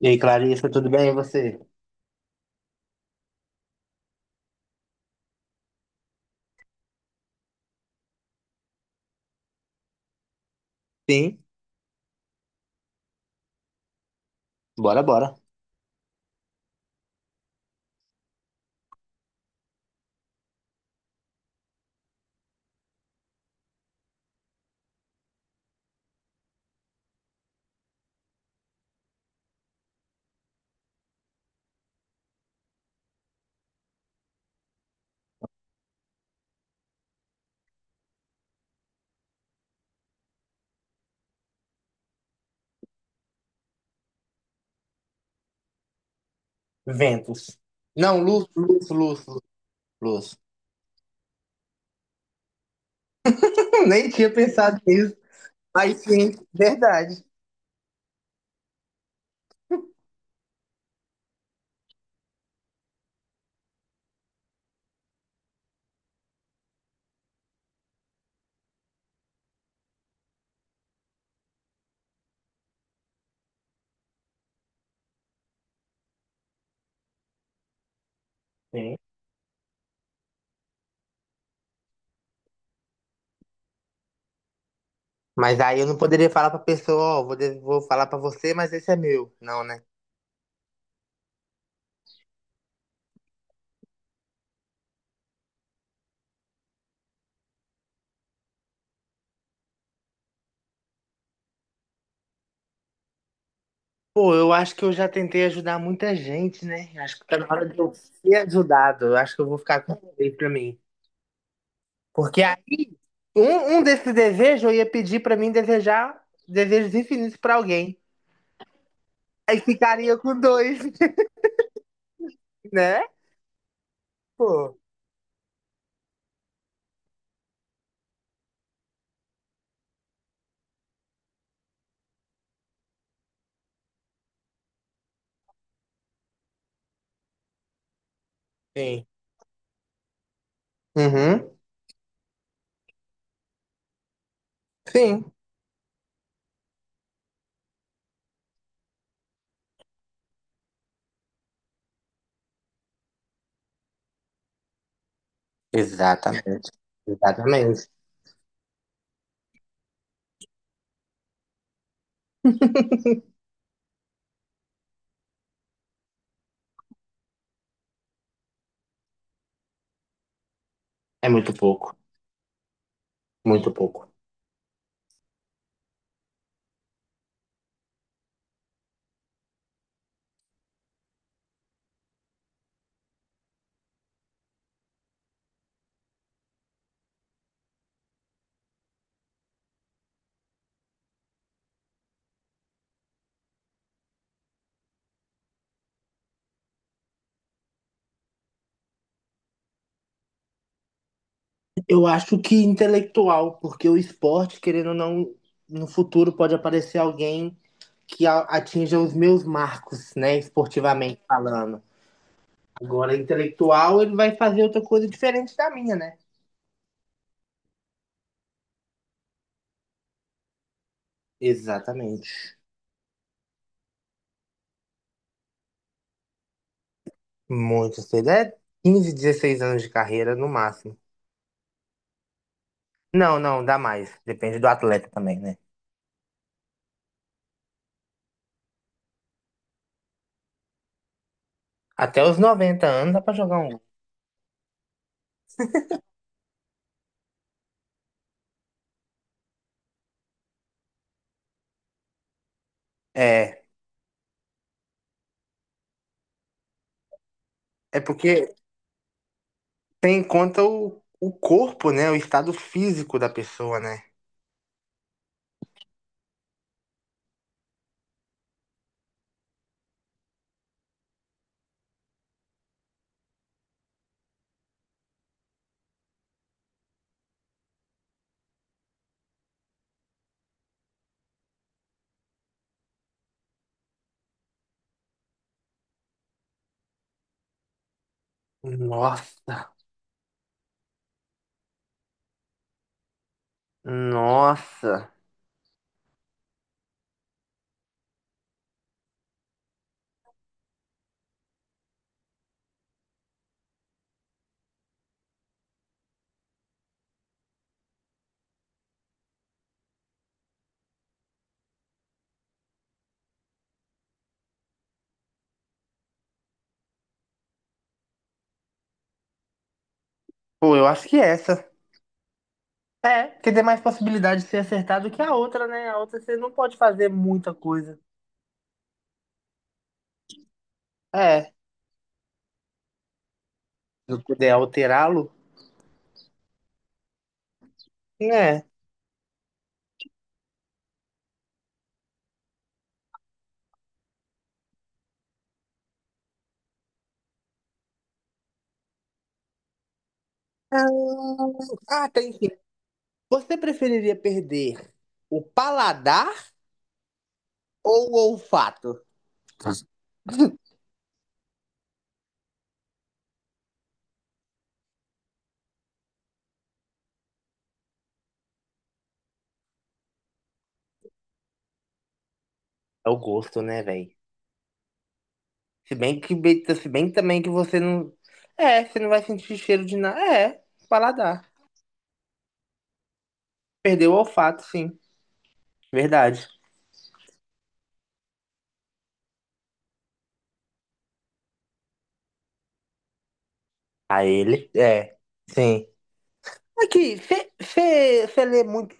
E aí, Clarissa, tudo bem? E você? Sim, bora, bora. Ventos. Não, luz, luz, luz, luz. Nem tinha pensado nisso. Mas sim, verdade. Sim. Mas aí eu não poderia falar pra pessoa, ó, vou falar pra você, mas esse é meu. Não, né? Pô, eu acho que eu já tentei ajudar muita gente, né? Acho que tá na hora de eu ser ajudado. Eu acho que eu vou ficar com isso pra mim. Porque aí, um desses desejos eu ia pedir pra mim desejar desejos infinitos pra alguém. Aí ficaria com dois. Né? Pô. Sim. Uhum. Sim. Exatamente. Exatamente. É muito pouco. Muito pouco. Eu acho que intelectual, porque o esporte, querendo ou não, no futuro pode aparecer alguém que atinja os meus marcos, né? Esportivamente falando. Agora, intelectual, ele vai fazer outra coisa diferente da minha, né? Exatamente. Muito cedo. É 15, 16 anos de carreira no máximo. Não, não, dá mais. Depende do atleta também, né? Até os 90 anos dá pra jogar um. É, é porque tem em conta o corpo, né? O estado físico da pessoa, né? Nossa, nossa. Pô, eu acho que é essa. É, porque tem mais possibilidade de ser acertado que a outra, né? A outra você não pode fazer muita coisa. É, se eu puder alterá-lo, né? Ah, ah, tem sim. Você preferiria perder o paladar ou o olfato? É o gosto, né, velho? Se bem que, se bem também que você não. É, você não vai sentir cheiro de nada. É, paladar. Perdeu o olfato, sim. Verdade. A ele, é, sim. Aqui,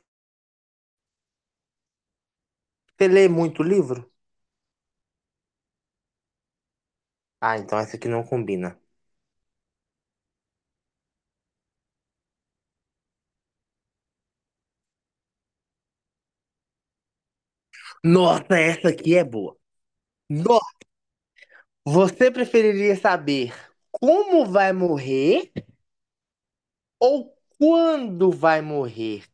você lê muito livro? Ah, então essa aqui não combina. Nossa, essa aqui é boa. Nossa, você preferiria saber como vai morrer ou quando vai morrer?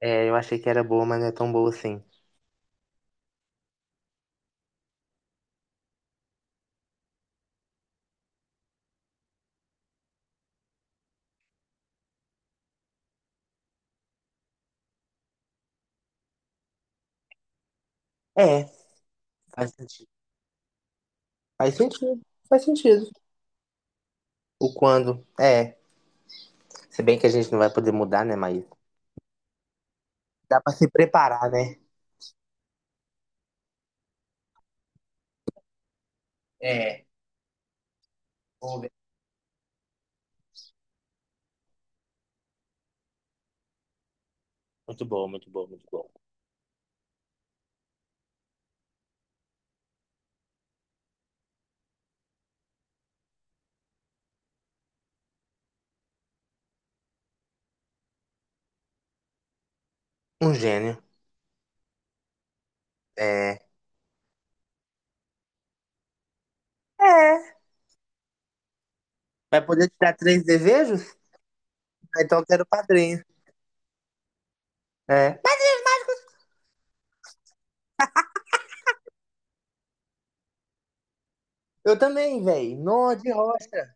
É, eu achei que era boa, mas não é tão boa assim. É, faz sentido. Faz sentido. Faz sentido. O quando. É. Se bem que a gente não vai poder mudar, né, mas dá pra se preparar, né? É, vamos ver. Muito bom, muito bom, muito bom. Um gênio. É. É. Vai poder te dar três desejos? Ah, então eu quero padrinho. É. Eu também, velho. Nó de rocha.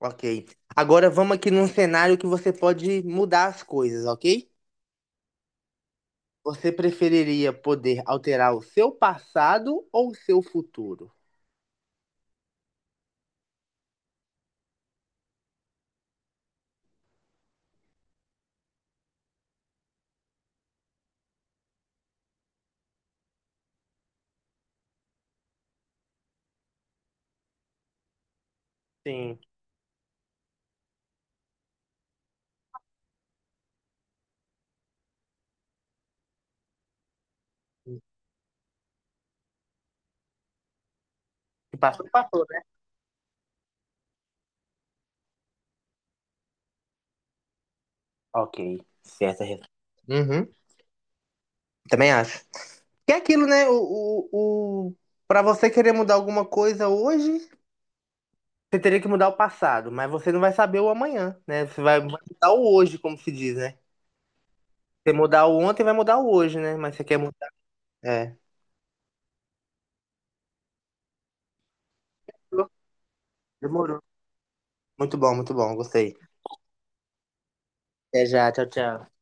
Ok. Agora vamos aqui num cenário que você pode mudar as coisas, ok? Você preferiria poder alterar o seu passado ou o seu futuro? Sim. O passado passou, passou, né? Ok. Certa resposta. Uhum. Também acho. Que é aquilo, né? O, o... Para você querer mudar alguma coisa hoje, você teria que mudar o passado, mas você não vai saber o amanhã, né? Você vai mudar o hoje, como se diz, né? Você mudar o ontem, vai mudar o hoje, né? Mas você quer mudar. É. Demorou. Muito bom, gostei. Até já, tchau, tchau.